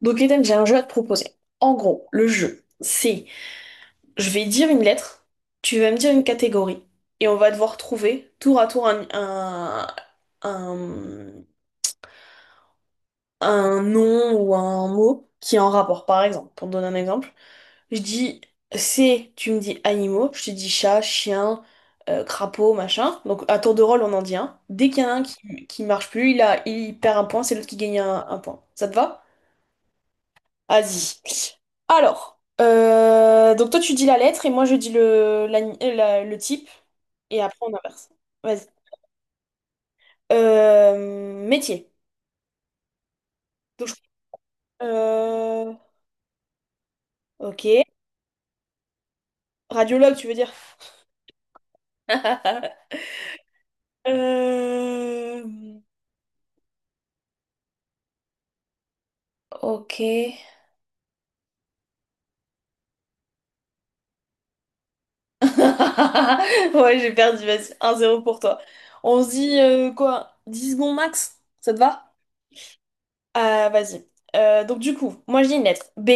Donc Ethan, j'ai un jeu à te proposer. En gros, le jeu, c'est je vais dire une lettre, tu vas me dire une catégorie, et on va devoir trouver tour à tour un, un nom ou un mot qui est en rapport. Par exemple, pour te donner un exemple, je dis c'est, tu me dis animaux, je te dis chat, chien, crapaud, machin. Donc à tour de rôle, on en dit un. Dès qu'il y en a un qui marche plus, il perd un point, c'est l'autre qui gagne un point. Ça te va? Vas-y. Alors, donc toi tu dis la lettre et moi je dis le type et après on inverse. Vas-y. Métier. Donc, je- euh, ok. Radiologue, tu veux dire? Euh, ok. Ouais, j'ai perdu, vas-y. 1-0 pour toi. On se dit quoi? 10 secondes max? Ça te va? Vas-y. Donc du coup, moi je dis une lettre. B.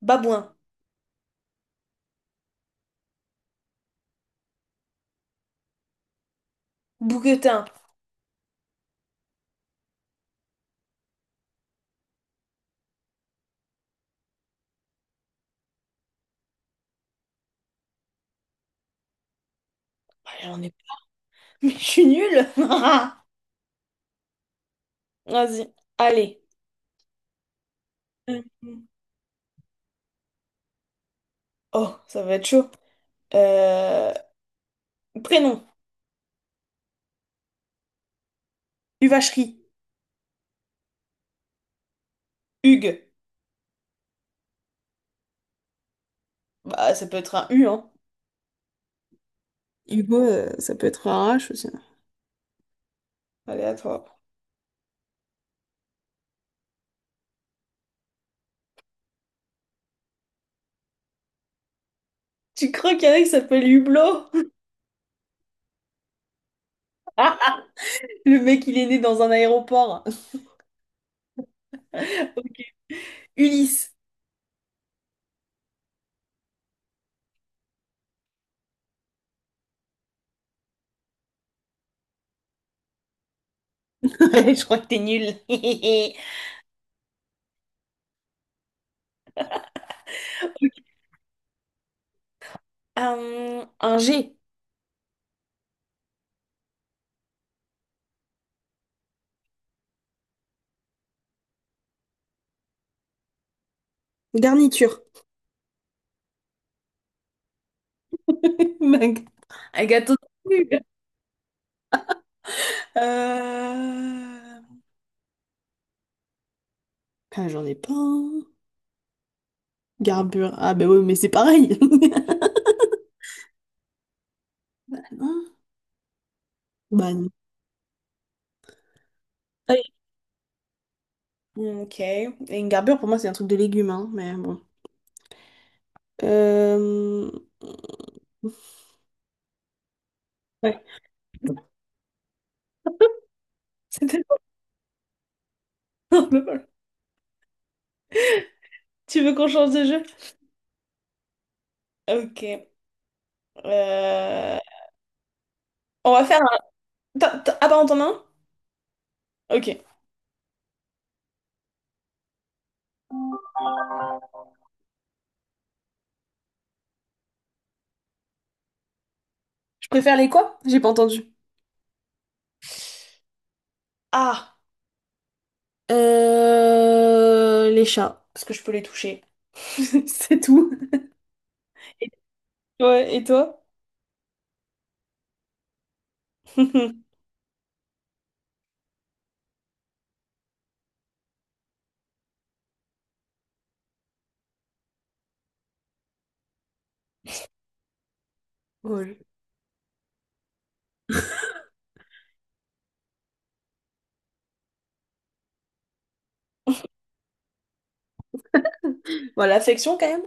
Babouin. Bouquetin. Je suis nulle. Vas-y. Allez. Euh, Oh, ça va être chaud. Euh, Prénom. Huvacherie. Hugues. Bah, ça peut être un U, hein. Hugo, ça peut être un H aussi. Allez, à toi. Tu crois qu'il y en a qui s'appelle Hublot? Le mec, il est né dans un aéroport. Ulysse. Je crois que t'es nul. Un G. Garniture. Mag- Un gâteau de cul. Euh... Ah, j'en ai pas. Un. Garbure. Ah ben oui, mais c'est pareil. Bah non. Bah non. Ah oui. Hmm, ok. Et une garbure, pour moi, c'est un truc de légumes, hein, mais bon. Euh... Ouais. C'est tellement drôle. Tu veux qu'on change de jeu? Ok. Euh, On va faire un... Ah bah on t'en a un? Ok. Je préfère les quoi? J'ai pas entendu. Ah, euh... Les chats, parce que je peux les toucher. C'est tout. Ouais, et toi? Ouais. Voilà, l'affection quand même.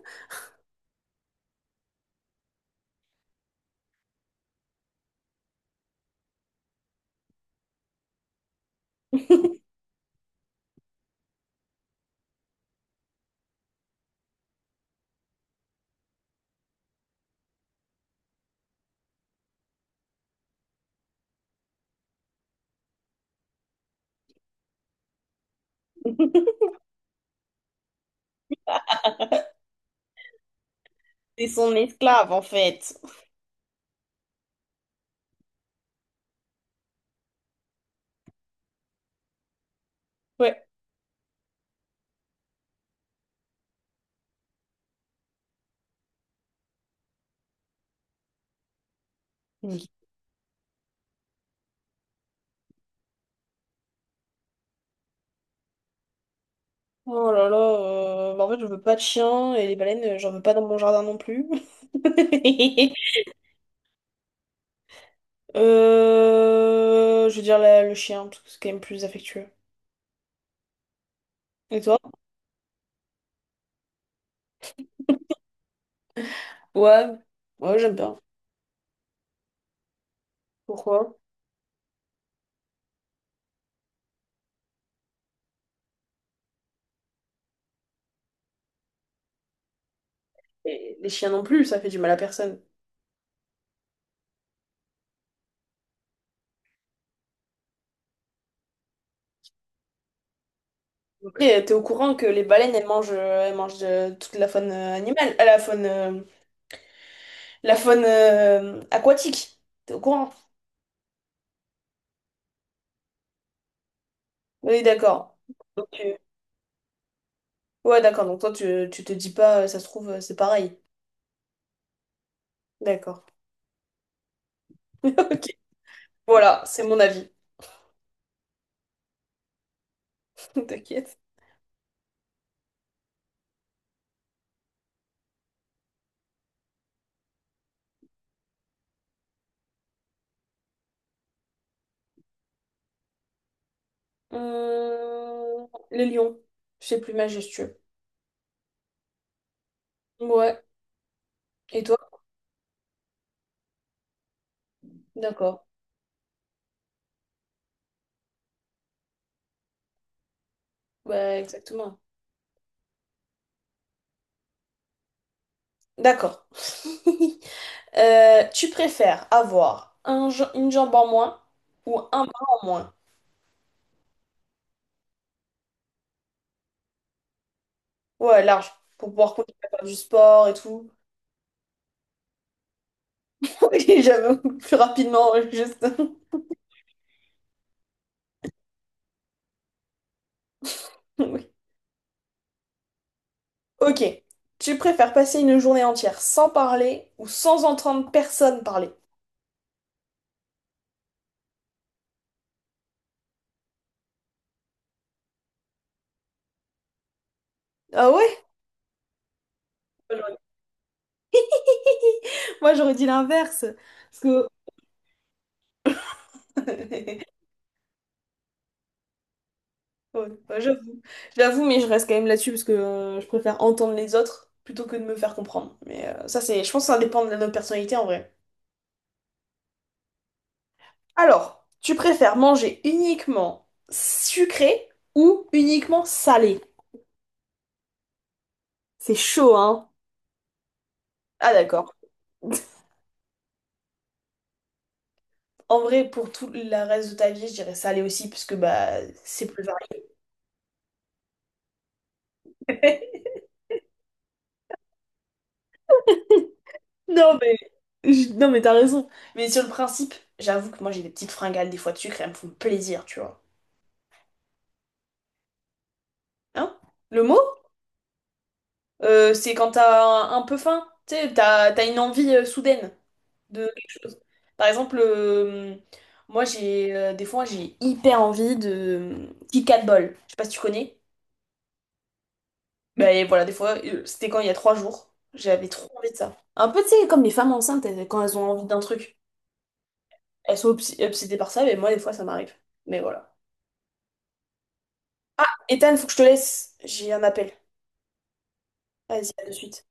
C'est son esclave, en fait. Ouais. Ok. Oh là là, bah en fait, je veux pas de chien et les baleines, j'en veux pas dans mon jardin non plus. Je veux dire le chien, parce que c'est quand même plus affectueux. Et toi? Ouais, ouais, j'aime bien. Pourquoi? Et les chiens non plus, ça fait du mal à personne. Et t'es au courant que les baleines, elles mangent, toute la faune animale, la faune aquatique. T'es au courant? Oui, d'accord. Ouais, d'accord. Donc toi, tu te dis pas, ça se trouve, c'est pareil. D'accord. Ok. Voilà, c'est mon avis. T'inquiète. Les lions. C'est plus majestueux. Ouais. Et toi? D'accord. Bah, exactement. D'accord. Tu préfères avoir un, une jambe en moins ou un bras en moins? Ouais, large. Pour pouvoir continuer à faire du sport et tout. Et j'avoue. Plus rapidement, juste. Ok. Tu préfères passer une journée entière sans parler ou sans entendre personne parler? Ah ouais? Moi, j'aurais Moi, j'aurais dit l'inverse. Parce que, ouais, bah, j'avoue. J'avoue, mais je reste quand même là-dessus parce que je préfère entendre les autres plutôt que de me faire comprendre. Mais je pense que ça dépend de notre personnalité en vrai. Alors, tu préfères manger uniquement sucré ou uniquement salé? C'est chaud, hein? Ah, d'accord. En vrai, pour tout le reste de ta vie, je dirais salé aussi, puisque bah, c'est plus varié. Non, mais... non, mais t'as raison. Mais sur le principe, j'avoue que moi, j'ai des petites fringales, des fois de sucre, et elles me font plaisir, tu vois. Hein? Le mot, c'est quand t'as un peu faim, tu sais, t'as une envie soudaine de quelque chose. Par exemple, moi, j'ai des fois, j'ai hyper envie de Kit Kat Ball. Je sais pas si tu connais. Mais voilà, des fois, c'était quand il y a 3 jours, j'avais trop envie de ça. Un peu, tu sais, comme les femmes enceintes, quand elles ont envie d'un truc, elles sont obsédées par ça, mais moi, des fois, ça m'arrive. Mais voilà. Ah, Ethan, faut que je te laisse. J'ai un appel. Vas-y, à de suite.